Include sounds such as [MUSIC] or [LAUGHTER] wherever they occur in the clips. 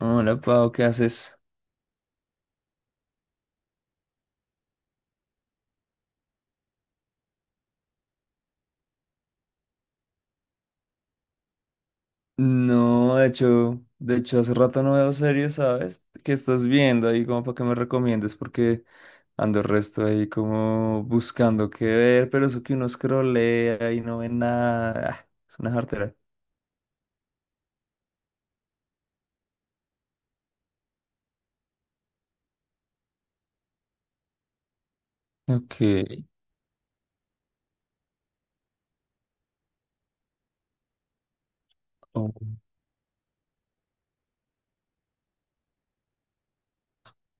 Hola, Pau, ¿qué haces? No, de hecho, hace rato no veo series, ¿sabes? ¿Qué estás viendo ahí como para que me recomiendes? Porque ando el resto ahí como buscando qué ver, pero eso que uno scrollea y no ve nada, es una jartera. Ok. Oh.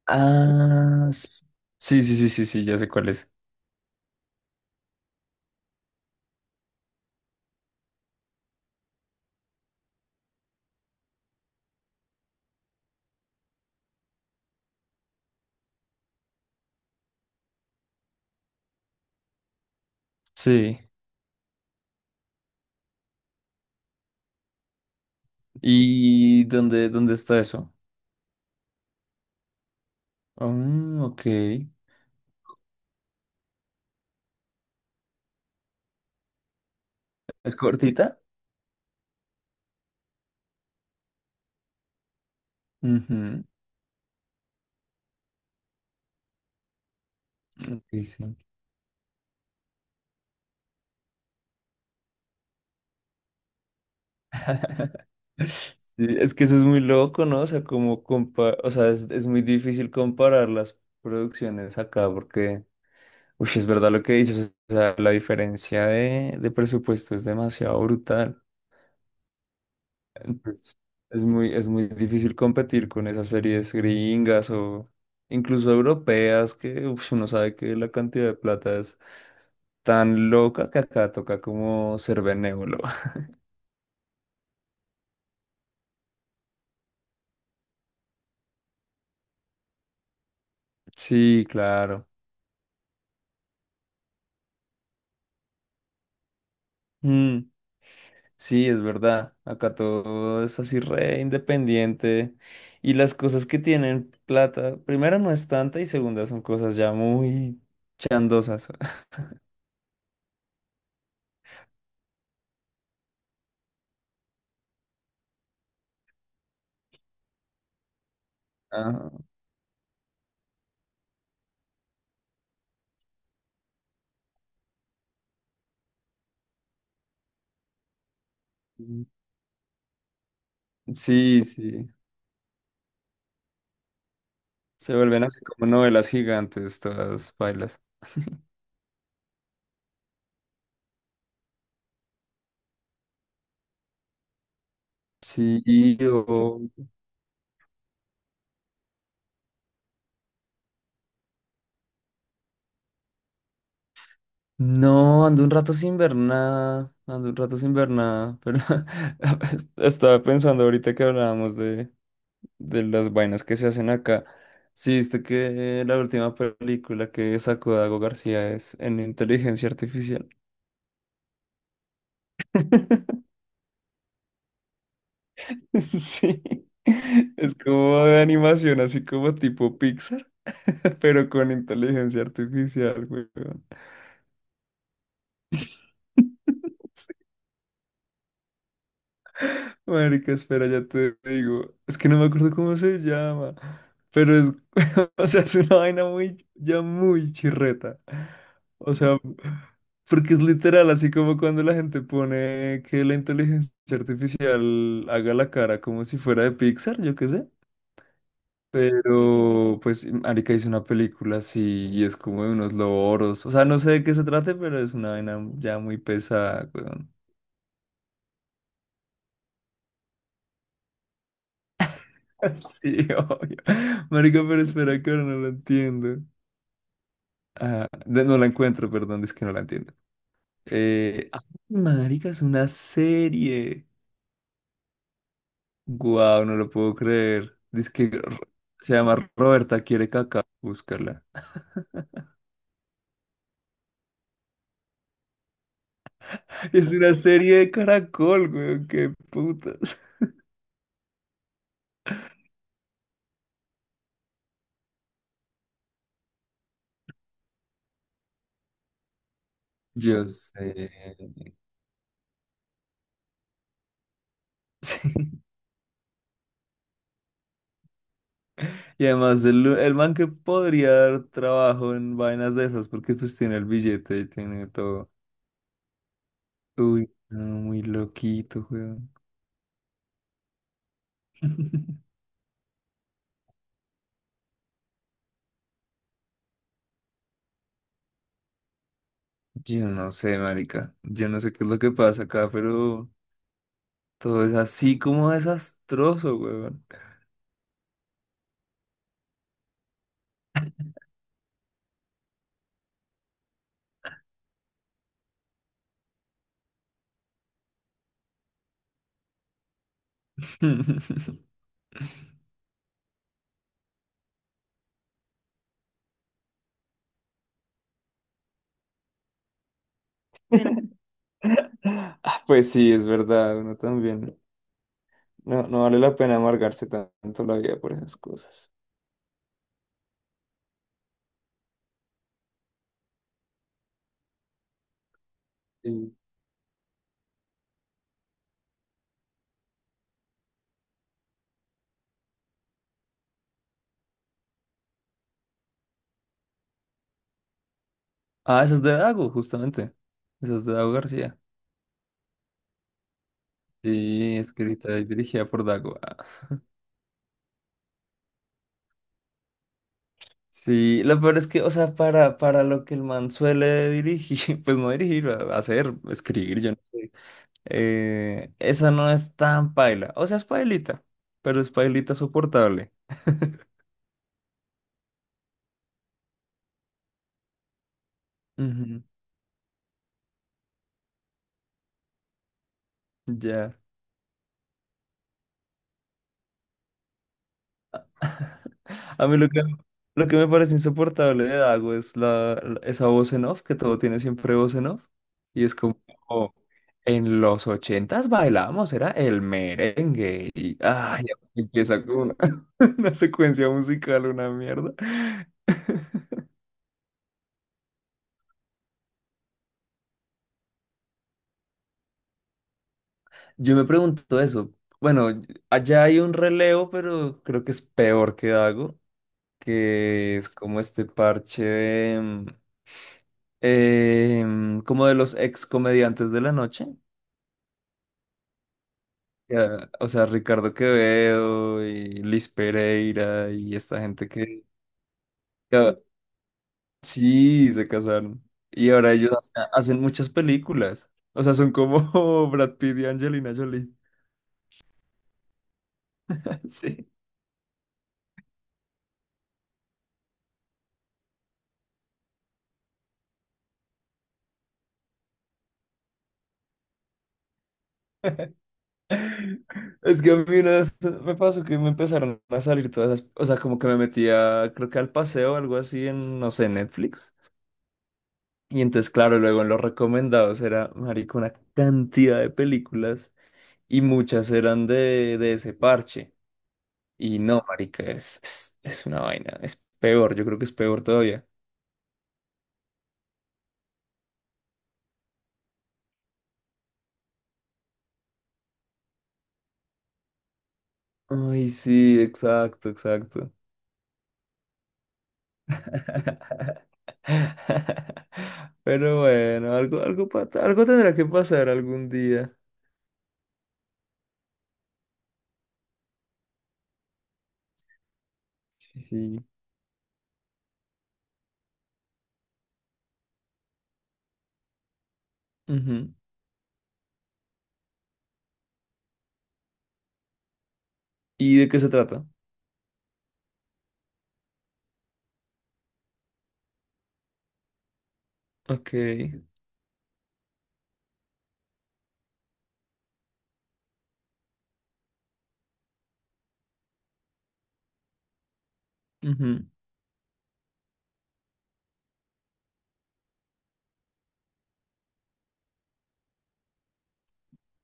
Ah, s- sí, sí, sí, sí, sí, ya sé cuál es. Sí. ¿Y dónde está eso? Ah, ok. ¿Es cortita? Ujú, ok, sí. Sí, es que eso es muy loco, ¿no? O sea, o sea, es muy difícil comparar las producciones acá porque, uy, es verdad lo que dices, o sea, la diferencia de presupuesto es demasiado brutal. Entonces, es muy difícil competir con esas series gringas o incluso europeas que uf, uno sabe que la cantidad de plata es tan loca que acá toca como ser benévolo. [LAUGHS] Sí, claro. Mm. Sí, es verdad. Acá todo es así re independiente. Y las cosas que tienen plata, primera no es tanta y segunda son cosas ya muy chandosas. [LAUGHS] Ah, sí, sí. Se vuelven así como novelas gigantes, todas bailas. Sí, yo… No, ando un rato sin ver nada. Ando un rato sin ver nada. Pero [LAUGHS] estaba pensando ahorita que hablábamos de las vainas que se hacen acá. Sí, viste que la última película que sacó Dago García es en inteligencia artificial. [LAUGHS] Sí, es como de animación, así como tipo Pixar, [LAUGHS] pero con inteligencia artificial, weón. Marica, espera, ya te digo. Es que no me acuerdo cómo se llama. Pero es, [LAUGHS] o sea, es una vaina muy, ya muy chirreta. O sea, porque es literal, así como cuando la gente pone que la inteligencia artificial haga la cara como si fuera de Pixar, yo qué sé. Pero, pues, Marica hizo una película así y es como de unos loros. O sea, no sé de qué se trate, pero es una vaina ya muy pesada, weón. [LAUGHS] Sí, obvio. Marica, pero espera que ahora no la entiendo. Ah, no la encuentro, perdón, es que no la entiendo. Marica, es una serie. Guau, no lo puedo creer. Dice que se llama Roberta quiere caca. Búscala. [LAUGHS] Es una serie de Caracol, güey. Qué putas. Yo sé. [LAUGHS] Sí. Y además, el man que podría dar trabajo en vainas de esas, porque pues tiene el billete y tiene todo. Uy, no, muy loquito, weón. [LAUGHS] Yo no sé, marica. Yo no sé qué es lo que pasa acá, pero todo es así como desastroso, weón. [LAUGHS] Ah, pues sí, es verdad, uno también. No, no vale la pena amargarse tanto la vida por esas cosas. Sí. Ah, esa es de Dago, justamente. Esa es de Dago García. Sí, escrita y dirigida por Dago. Sí, lo peor es que, o sea, para lo que el man suele dirigir, [LAUGHS] pues no dirigir, hacer, escribir, yo no sé. Eh, esa no es tan paila. O sea, es pailita, pero es pailita soportable. [LAUGHS] Ujú, ya. [LAUGHS] A mí lo que me parece insoportable de Dago es esa voz en off, que todo tiene siempre voz en off. Y es como, "Oh, en los ochentas bailábamos, era el merengue. Y ay, empieza con una, [LAUGHS] una secuencia musical, una mierda. [LAUGHS] Yo me pregunto eso. Bueno, allá hay un relevo, pero creo que es peor que Dago. Que es como este parche de, como de los ex comediantes de la noche. Ya, o sea, Ricardo Quevedo y Liz Pereira y esta gente que ya, sí se casaron. Y ahora ellos hacen muchas películas. O sea, son como [LAUGHS] Brad Pitt y Angelina Jolie. [LAUGHS] Sí. Es que a mí una vez me pasó que me empezaron a salir todas las, o sea, como que me metía, creo que al paseo o algo así en, no sé, Netflix. Y entonces, claro, luego en los recomendados era, marica, una cantidad de películas y muchas eran de ese parche. Y no, marica, es una vaina, es peor, yo creo que es peor todavía. Ay, sí, exacto, exacto. [LAUGHS] Pero bueno, algo tendrá que pasar algún día. Sí, sí. Ujú. ¿Y de qué se trata? Ok. Ujú.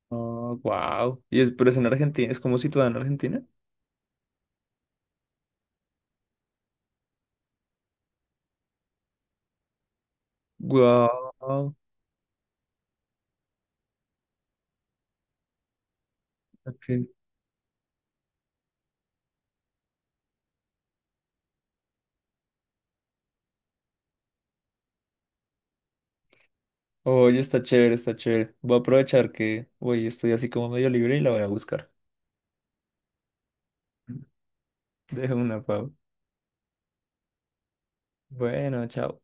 Oh, wow. ¿Y pero es en Argentina? ¿Es como situada en Argentina? Wow. Oye, está chévere, está chévere. Voy a aprovechar que hoy estoy así como medio libre y la voy a buscar. Dejo una, Pau. Bueno, chao.